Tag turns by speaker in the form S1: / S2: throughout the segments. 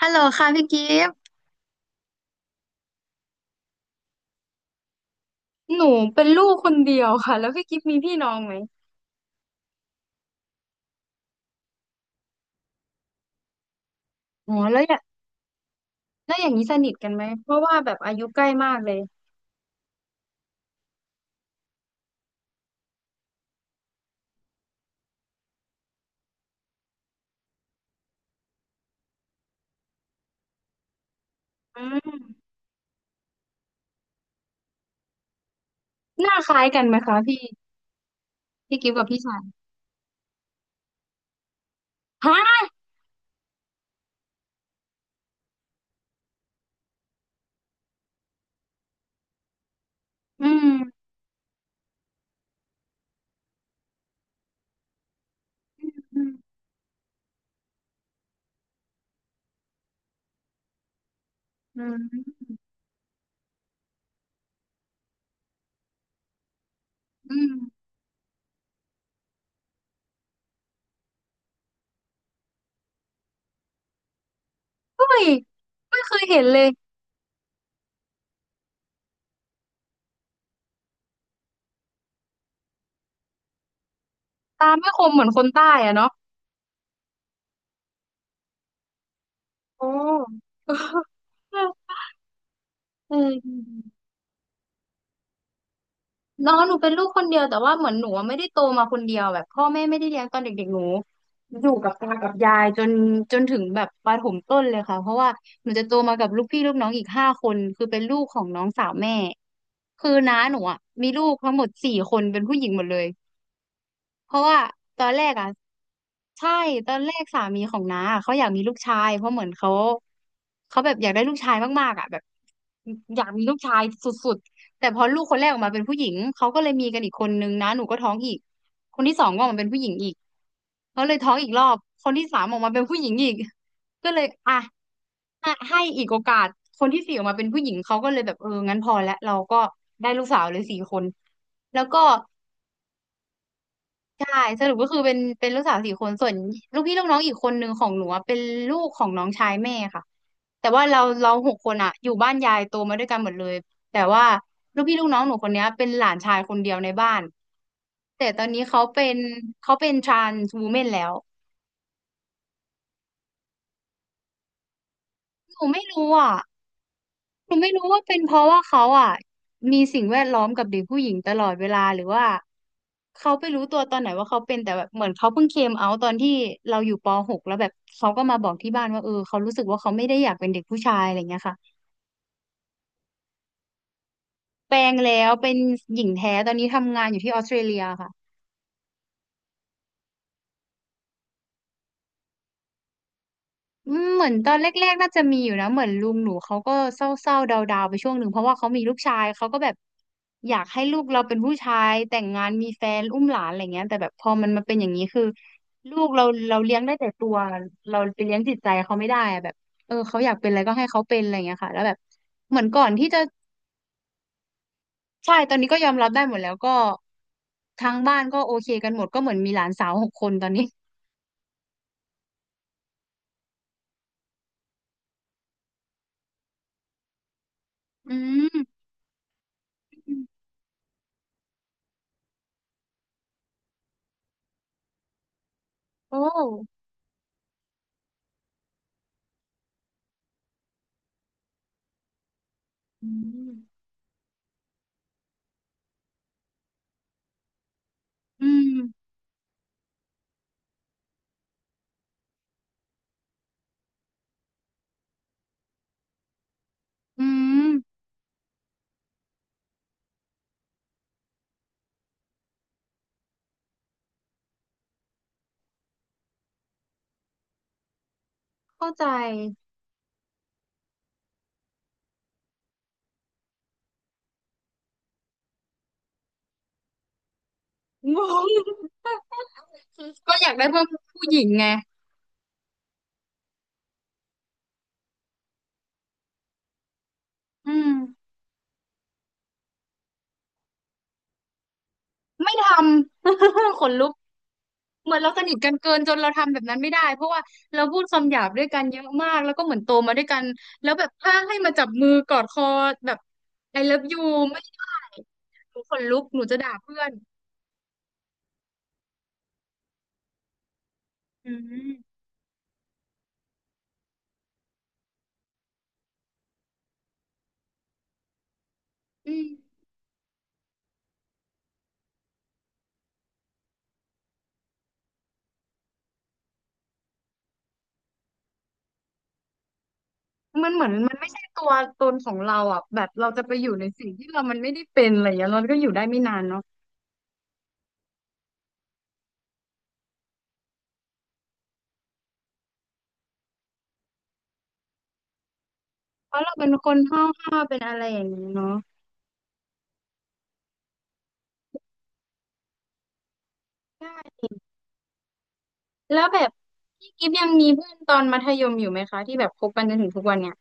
S1: ฮัลโหลค่ะพี่กิฟต์หนูเป็นลูกคนเดียวค่ะแล้วพี่กิฟต์มีพี่น้องไหมอ๋อแล้วอย่างนี้สนิทกันไหมเพราะว่าแบบอายุใกล้มากเลยอืมหน้าคล้ายกันไหมคะพี่พี่กิฟต์กับพี่ชายฮะอืมอืมอืมอืมเฮ้ยไม่เคยเห็นเลยตาไม่คมเหมือนคนใต้อะเนาะโอ้ เออ น้องหนูเป็นลูกคนเดียวแต่ว่าเหมือนหนูอะไม่ได้โตมาคนเดียวแบบพ่อแม่ไม่ได้เลี้ยงตอนเด็กๆหนูอยู่กับตากับยายจนถึงแบบประถมต้นเลยค่ะเพราะว่าหนูจะโตมากับลูกพี่ลูกน้องอีกห้าคนคือเป็นลูกของน้องสาวแม่คือน้าหนูอ่ะมีลูกทั้งหมดสี่คนเป็นผู้หญิงหมดเลย เพราะว่าตอนแรกอ่ะใช่ตอนแรกสามีของน้าอะเขาอยากมีลูกชายเพราะเหมือนเขาแบบอยากได้ลูกชายมากๆอ่ะแบบอยากมีลูกชายสุดๆแต่พอลูกคนแรกออกมาเป็นผู้หญิงเขาก็เลยมีกันอีกคนนึงนะหนูก็ท้องอีกคนที่สองก็ออกมาเป็นผู้หญิงอีกเขาเลยท้องอีกรอบคนที่สามออกมาเป็นผู้หญิงอีกก็เลยอ่ะให้อีกโอกาสคนที่สี่ออกมาเป็นผู้หญิงเขาก็เลยแบบเอองั้นพอแล้วเราก็ได้ลูกสาวเลยสี่คนแล้วก็ ใช่สรุปก็คือเป็นลูกสาวสี่คนส่วนลูกพี่ลูกน้องอีกคนหนึ่งของหนูอะเป็นลูกของน้องชายแม่ค่ะแต่ว่าเราหกคนอะอยู่บ้านยายโตมาด้วยกันหมดเลยแต่ว่าลูกพี่ลูกน้องหนูคนเนี้ยเป็นหลานชายคนเดียวในบ้านแต่ตอนนี้เขาเป็น t r า n s ์วูแมนแล้วหนูไม่รู้อะ หนูไม่รู้ว่าเป็นเพราะว่าเขาอ่ะมีสิ่งแวดล้อมกับเด็กผู้หญิงตลอดเวลาหรือว่าเขาไปรู้ตัวตอนไหนว่าเขาเป็นแต่แบบเหมือนเขาเพิ่งเคมเอาตอนที่เราอยู่ปหกแล้วแบบเขาก็มาบอกที่บ้านว่าเออเขารู้สึกว่าเขาไม่ได้อยากเป็นเด็กผู้ชายอะไรเงี้ยค่ะแปลงแล้วเป็นหญิงแท้ตอนนี้ทำงานอยู่ที่ออสเตรเลียค่ะ อืมเหมือนตอนแรกๆน่าจะมีอยู่นะเหมือนลุงหนูเขาก็เศร้าๆดาวๆไปช่วงหนึ่งเพราะว่าเขามีลูกชายเขาก็แบบอยากให้ลูกเราเป็นผู้ชายแต่งงานมีแฟนอุ้มหลานอะไรเงี้ยแต่แบบพอมันมาเป็นอย่างนี้คือลูกเราเราเลี้ยงได้แต่ตัวเราไปเลี้ยงจิตใจเขาไม่ได้อะแบบเออเขาอยากเป็นอะไรก็ให้เขาเป็นอะไรเงี้ยค่ะแล้วแบบเหมือนก่อนที่จะใช่ตอนนี้ก็ยอมรับได้หมดแล้วก็ทางบ้านก็โอเคกันหมดก็เหมือนมีหลานสาวหกคนตอนนี้อืม โอ้อืมอืมอืม เข้าใจงง ก็อยากได้เพื่อนผู้หญิงไงอืมไม่ทำ ขนลุกเหมือนเราสนิทกันเกินจนเราทำแบบนั้นไม่ได้เพราะว่าเราพูดคำหยาบด้วยกันเยอะมากแล้วก็เหมือนโตมาด้วยกันแล้วแบบถ้าให้มาจับมือกอดคอแบบ I love you ไม่ได้หนูขนลุกหนูจะด่าเพื่อนอืมอืมมันเหมือนมันไม่ใช่ตัวตนของเราอ่ะแบบเราจะไปอยู่ในสิ่งที่เรามันไม่ได้เป็นอะไรอย่างเงี้ยเราก็อยู่ได้ไม่นานเนาะเพราะเราเป็นคนห้าวๆเป็นอะไรอย่างเงี้ยเนาะ ใช่แล้วแบบพี่กิฟยังมีเพื่อนตอนมัธยมอยู่ไหมคะที่แบบคบกันจนถึงทุกวันเนี่ย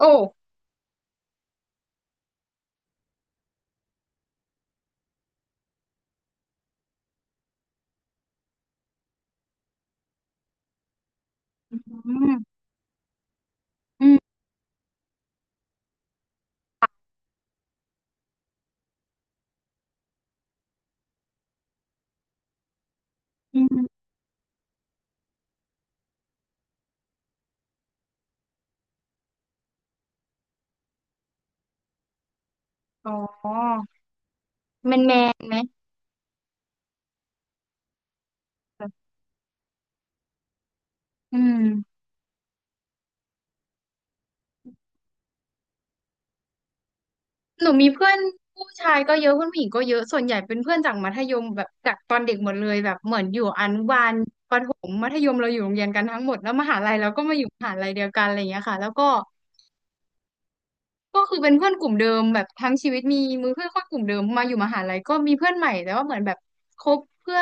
S1: โอ้อืมอืมอืมอ๋อแมนแมนไหมแบบอืมหนูมีเพื่อนผู้ชายก็เยอะเพื่อนผู้หญิงก็เยอะส่วนใหญ่เป็นเพื่อนจากมัธยมแบบจากตอนเด็กหมดเลยแบบเหมือนอยู่อนุบาลประถมมัธยมเราอยู่โรงเรียนกันทั้งหมดแล้วมหาลัยเราก็มาอยู่มหาลัยเดียวกันอะไรอย่างเงี้ยค่ะแล้วก็ ก็คือเป็นเพื่อนกลุ่มเดิมแบบทั้งชีวิตมีมือเพื่อนค่กลุ่มเดิมมาอยู่มหาลัยก็มีเพื่อนใหม่แต่ว่าเหมือนแบบคบเพื่อ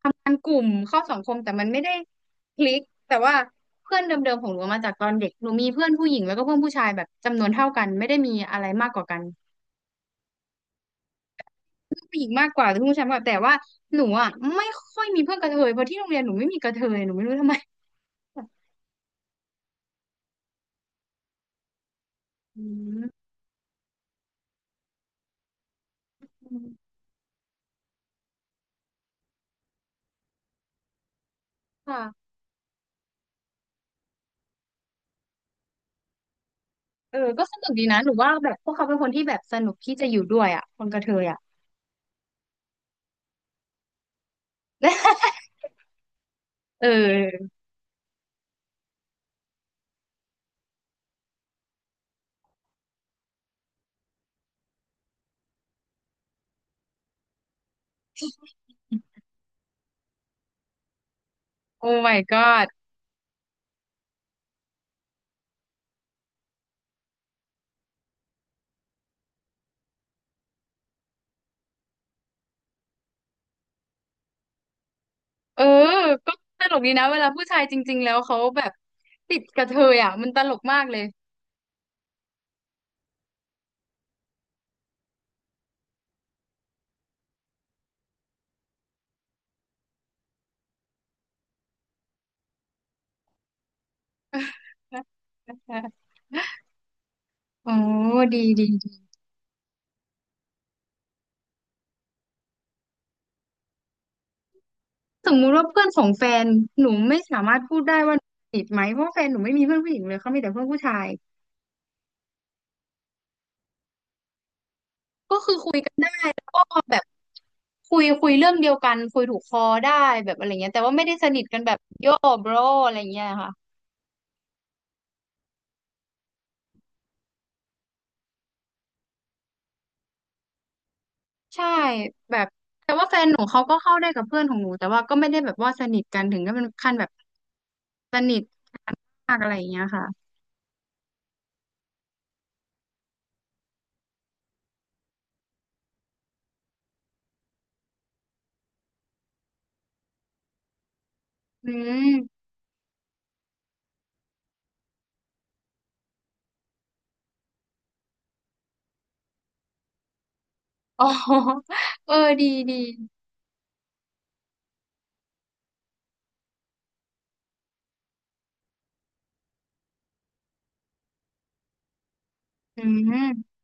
S1: ทำงานกลุ่มเข้าสังคมแต่มันไม่ได้คลิกแต่ว่าเพื่อนเดิมๆของหนูมาจากตอนเด็กหนูมีเพื่อนผู้หญิงแล้วก็เพื่อนผู้ชายแบบจำนวนเท่ากันไม่ได้มีอะไรมากกว่ากันเพื่อนผู้หญิงมากกว่าแต่เพื่อนผู้ชายมากกว่าแต่ว่าหนูอ่ะไม่ค่อยมีเพื่อนกระเทยเพราะที่โรงเรียนหนูไม่มีกระเทยหนูไม่รู้ทำไม อืมค่ะเออก็สนุกดีนะหนูว่าแบบพวกเขาเป็นคนที่แบบสนุกที่จะอยู่ด้วยอ่ะคนกระเทยอ่ะ เออโอ้ my god เออก็ตลกดีนะเวลาผู้ชายจริงๆแล้วเขาแบบติดกระเทยอ่ะมันตลกมากเลย โอ้ดีดีดีสมมุติว่าเพื่อนของแฟนหนูไม่สามารถพูดได้ว่าหนูติดไหมเพราะว่าแฟนหนูไม่มีเพื่อนผู้หญิงเลยเขามีแต่เพื่อนผู้ชายใช่แล้วก็แบบคุยเรื่องเดียวกันคุยถูกคอได้แบบอะไรเงี้ยแต่ว่าไม่ได้สนิทกันแบบโย่ bro อะไรเงี้ยค่ะ ใช่แบบแต่ว่าแฟนหนูเขาก็เข้าได้กับเพื่อนของหนูแต่ว่าก็ไม่ได้แบบว่าสนิทกันถึงก็เป็นขั้นแบบสนิทกันมากอะไรอย่างเงี้ยค่ะอืม อ๋อเออดีดีอืม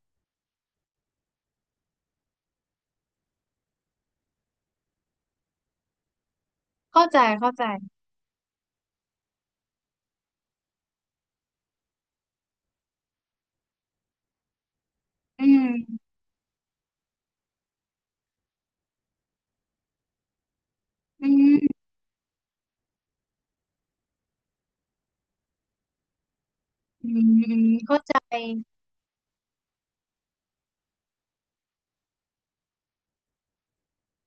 S1: เข้าใจเข้าใจอืมอืมอืมอืมเข้าใจ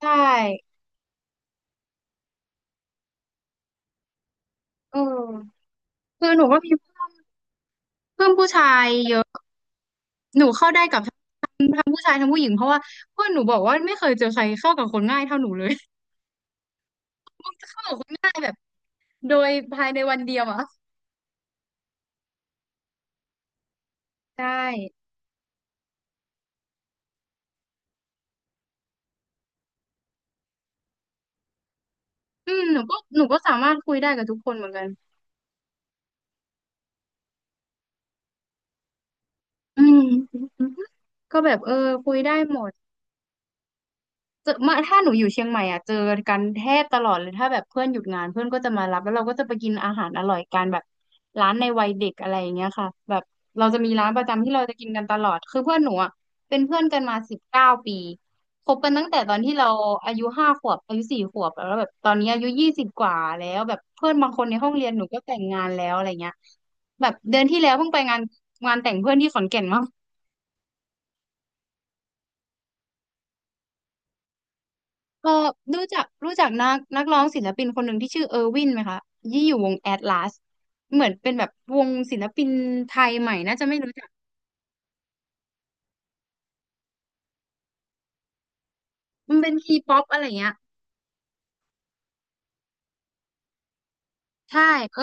S1: ใช่เออคือหนูก็มีเพื่อนเพื่อนผู้ชายเยอะหนูเข้าได้กับทั้งผู้ชายทั้งผู้หญิงเพราะว่าเพื่อนหนูบอกว่าไม่เคยเจอใครเข้ากับคนง่ายเท่าหนูเลย เข้ากับคนง่ายแบบโดยภายในวันเดียวอะ ใช่อืมหนูก็สามารถคุยได้กับทุกคนเหมือนกันอืมก็แบบเออคุยได้หมด เจอมาถ้าหนูอยู่เชียงใหม่อ่ะเจอกันแทบตลอดเลยถ้าแบบเพื่อนหยุดงานเพื่อนก็จะมารับแล้วเราก็จะไปกินอาหารอร่อยกันแบบร้านในวัยเด็กอะไรอย่างเงี้ยค่ะแบบเราจะมีร้านประจำที่เราจะกินกันตลอดคือเพื่อนหนูอ่ะเป็นเพื่อนกันมา19 ปีคบกันตั้งแต่ตอนที่เราอายุ5 ขวบอายุ4 ขวบแล้วแบบตอนนี้อายุ20กว่าแล้วแบบเพื่อนบางคนในห้องเรียนหนูก็แต่งงานแล้วอะไรเงี้ยแบบเดือนที่แล้วเพิ่งไปงานแต่งเพื่อนที่ขอนแก่นมา เออรู้จักนักร้องศิลปินคนหนึ่งที่ชื่อเออร์วินไหมคะยี่อยู่วงแอตลาสเหมือนเป็นแบบวงศิลปินไทยใหม่น่าจะไม่รู้จักมันเป็นทีป๊อปอะไรเงี้ยใช่เออ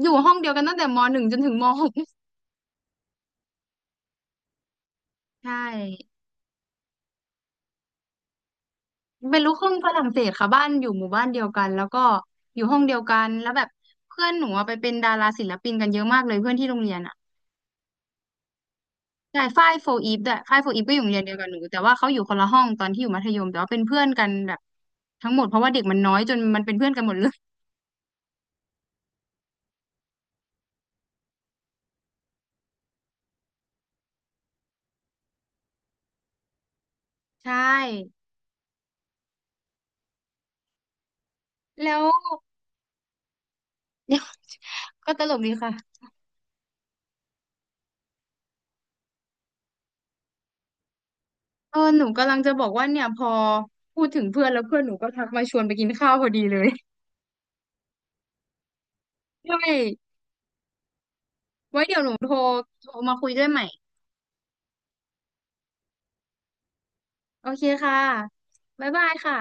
S1: อยู่ห้องเดียวกันตั้งแต่ม.1จนถึงม.6ใช่เป็นลูกครึ่งฝรั่งเศสค่ะบ้านอยู่หมู่บ้านเดียวกันแล้วก็อยู่ห้องเดียวกันแล้วแบบเพื่อนหนูอะไปเป็นดาราศิลปินกันเยอะมากเลยเพื่อนที่โรงเรียนอะ ใช่ฝ้ายโฟอีฟด้วยฝ้ายโฟอีฟก็อยู่โรงเรียนเดียวกับหนูแต่ว่าเขาอยู่คนละห้องตอนที่อยู่มัธยมแต่ว่าเป็นเพื่อนกันแบบทั้งหมดเพราะว่าเด็กมันน้อยจนมันเป็นเพื่อนกันหมดเลยใช่แล้ว เดี๋ยวก็ตลกดีค่ะเออหนูกำลังจะบอกว่าเนี่ยพอพูดถึงเพื่อนแล้วเพื่อนหนูก็ทักมาชวนไปกินข้าวพอดีเลย ด้วยไว้เดี๋ยวหนูโทรมาคุยด้วยใหม่โอเคค่ะบ๊ายบายค่ะ